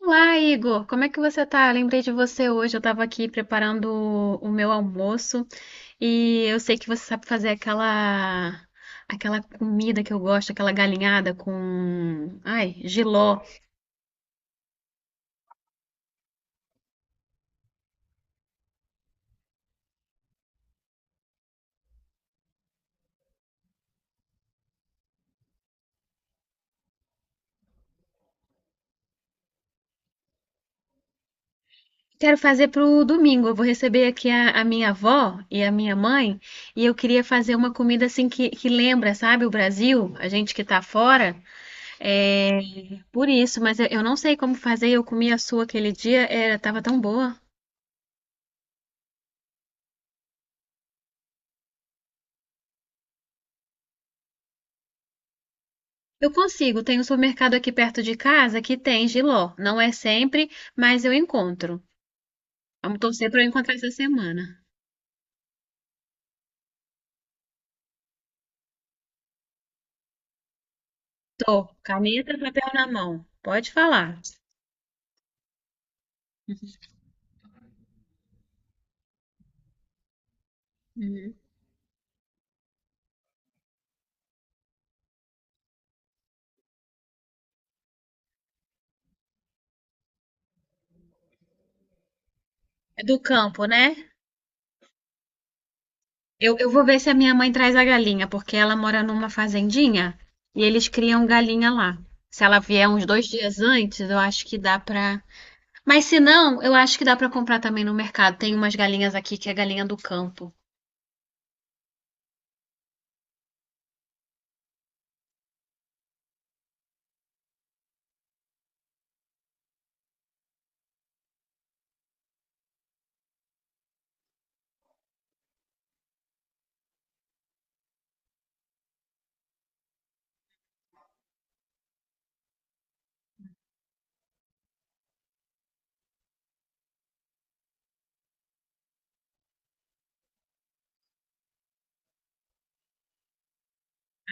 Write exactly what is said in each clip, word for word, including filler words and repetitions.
Olá, Igor. Como é que você tá? Eu lembrei de você hoje. Eu tava aqui preparando o o meu almoço e eu sei que você sabe fazer aquela aquela comida que eu gosto, aquela galinhada com, ai, jiló. Quero fazer pro domingo. Eu vou receber aqui a, a minha avó e a minha mãe e eu queria fazer uma comida assim que, que lembra, sabe, o Brasil, a gente que tá fora. É, por isso, mas eu, eu não sei como fazer. Eu comi a sua aquele dia, era, tava tão boa. Eu consigo, tem um supermercado aqui perto de casa que tem jiló. Não é sempre, mas eu encontro. Vamos torcer para eu encontrar essa semana. Tô, caneta, e papel na mão. Pode falar. Uhum. É do campo, né? Eu, eu vou ver se a minha mãe traz a galinha, porque ela mora numa fazendinha e eles criam galinha lá. Se ela vier uns dois dias antes, eu acho que dá pra. Mas se não, eu acho que dá pra comprar também no mercado. Tem umas galinhas aqui que é galinha do campo.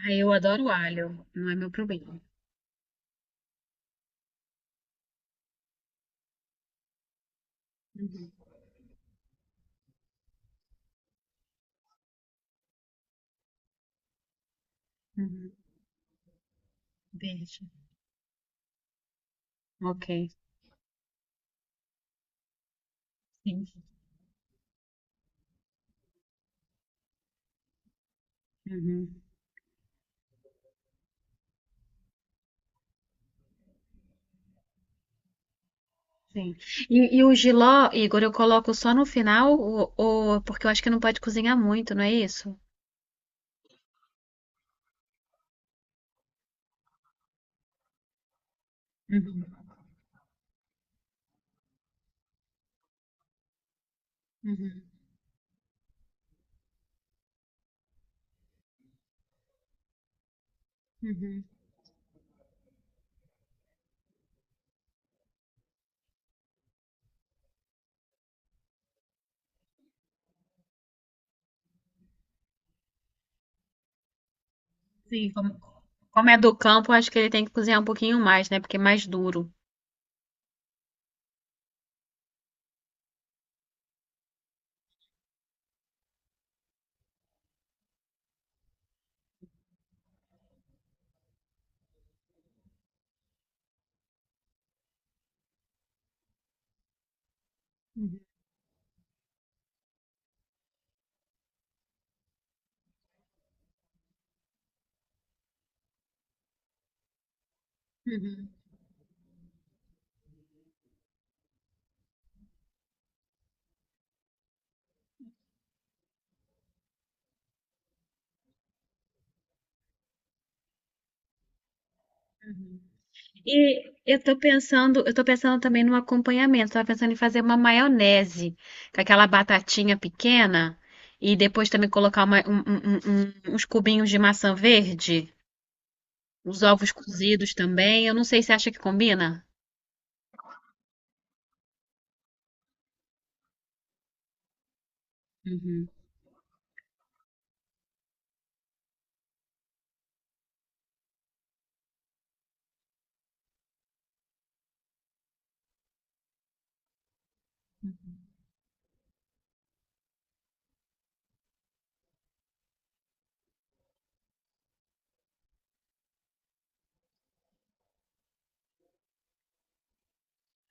Ah, eu adoro alho, não é meu problema. Uhum. Beijo. Ok. Sim. Uhum. Sim. E, e o jiló, Igor, eu coloco só no final, ou, ou- porque eu acho que não pode cozinhar muito, não é isso? Uhum. Uhum. Uhum. Sim, como, como é do campo, eu acho que ele tem que cozinhar um pouquinho mais, né? Porque é mais duro. Uhum. Uhum. E eu tô pensando, eu tô pensando também no acompanhamento. Tava pensando em fazer uma maionese com aquela batatinha pequena e depois também colocar uma- um- um- um- um- uns cubinhos de maçã verde. Os ovos cozidos também. Eu não sei se acha que combina.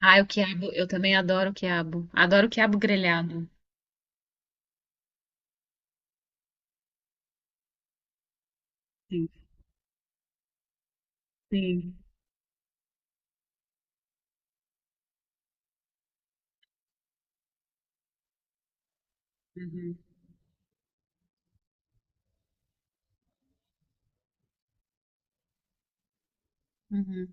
Ah, o quiabo. Eu também adoro o quiabo. Adoro o quiabo grelhado. Sim, sim. Uhum, uhum.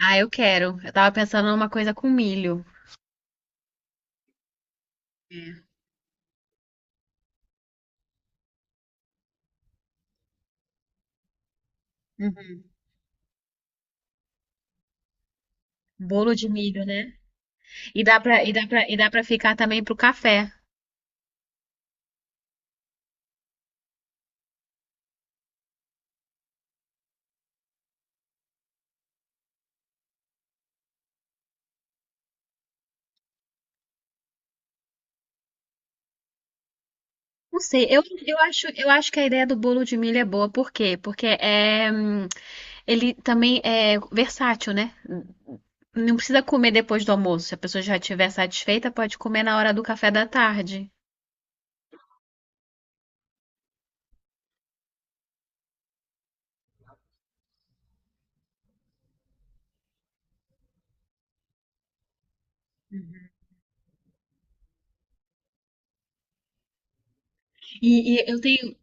Ah, eu quero. Eu tava pensando numa coisa com milho. É. Uhum. Bolo de milho, né? E dá pra, e dá pra, e dá pra ficar também pro café. Não sei, eu, eu acho, eu acho que a ideia do bolo de milho é boa, por quê? Porque é, hum, ele também é versátil, né? Não precisa comer depois do almoço. Se a pessoa já estiver satisfeita, pode comer na hora do café da tarde. E, e eu tenho,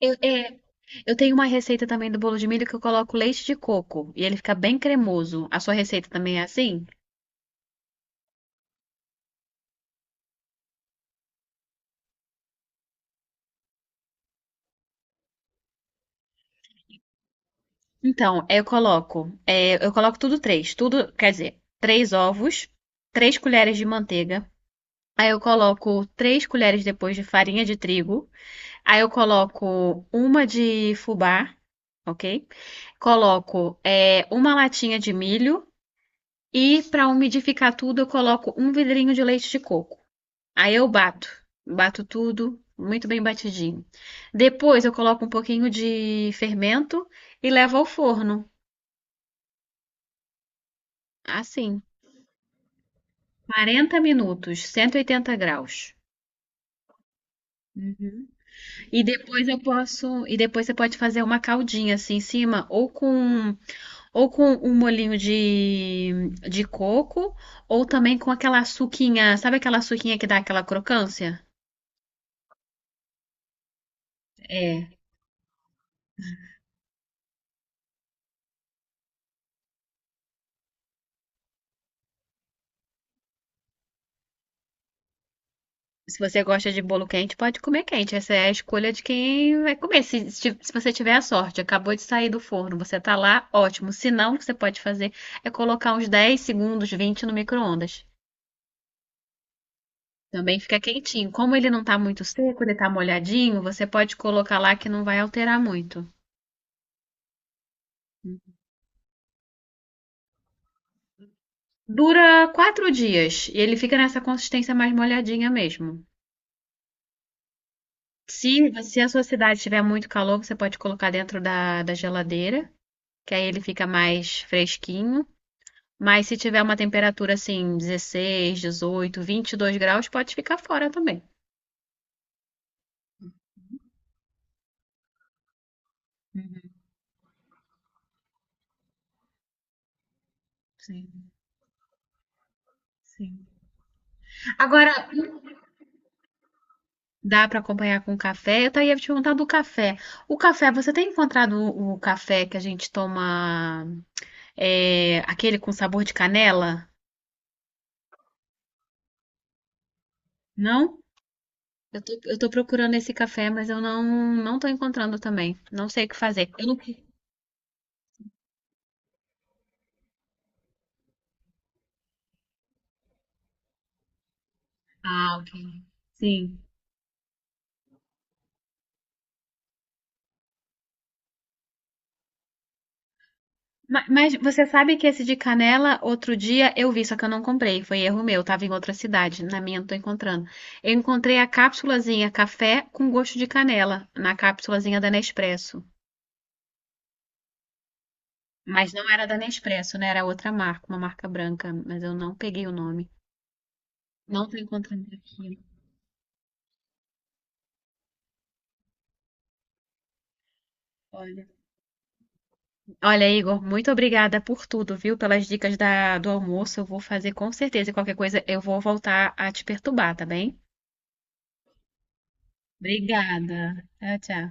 eu, é, eu tenho uma receita também do bolo de milho que eu coloco leite de coco e ele fica bem cremoso. A sua receita também é assim? Então, é, eu coloco, é, eu coloco tudo três, tudo, quer dizer, três ovos, três colheres de manteiga. Aí eu coloco três colheres depois de farinha de trigo. Aí eu coloco uma de fubá, ok? Coloco é, uma latinha de milho e para umidificar tudo eu coloco um vidrinho de leite de coco. Aí eu bato, bato tudo muito bem batidinho. Depois eu coloco um pouquinho de fermento e levo ao forno, assim, quarenta minutos, cento e oitenta graus. E depois eu posso, e depois você pode fazer uma caldinha assim em cima, ou com ou com um molhinho de, de coco, ou também com aquela suquinha, sabe aquela suquinha que dá aquela crocância? É. Se você gosta de bolo quente, pode comer quente. Essa é a escolha de quem vai comer. Se, se se você tiver a sorte, acabou de sair do forno, você tá lá, ótimo. Se não, o que você pode fazer é colocar uns dez segundos, vinte no micro-ondas. Também fica quentinho. Como ele não tá muito seco, ele tá molhadinho, você pode colocar lá que não vai alterar muito. Dura quatro dias e ele fica nessa consistência mais molhadinha mesmo. Se, se a sua cidade tiver muito calor, você pode colocar dentro da, da geladeira, que aí ele fica mais fresquinho. Mas se tiver uma temperatura assim, dezesseis, dezoito, vinte e dois graus, pode ficar fora também. Sim, sim. Agora, dá para acompanhar com café. Eu até ia te perguntar do café. O café, você tem encontrado o o café que a gente toma, é, aquele com sabor de canela? Não? Eu tô, eu tô procurando esse café, mas eu não não tô encontrando também. Não sei o que fazer. Eu não... Ah, ok. Sim. Ma- Mas, você sabe que esse de canela, outro dia eu vi, só que eu não comprei. Foi erro meu, tava em outra cidade. Na minha eu não tô encontrando. Eu encontrei a cápsulazinha café com gosto de canela, na cápsulazinha da Nespresso. Mas não era da Nespresso, né? Era outra marca, uma marca branca, mas eu não peguei o nome. Não tô encontrando aqui. Olha. Olha, Igor, muito obrigada por tudo, viu? Pelas dicas da, do almoço. Eu vou fazer com certeza. E qualquer coisa, eu vou voltar a te perturbar, tá bem? Obrigada. Tchau, tchau.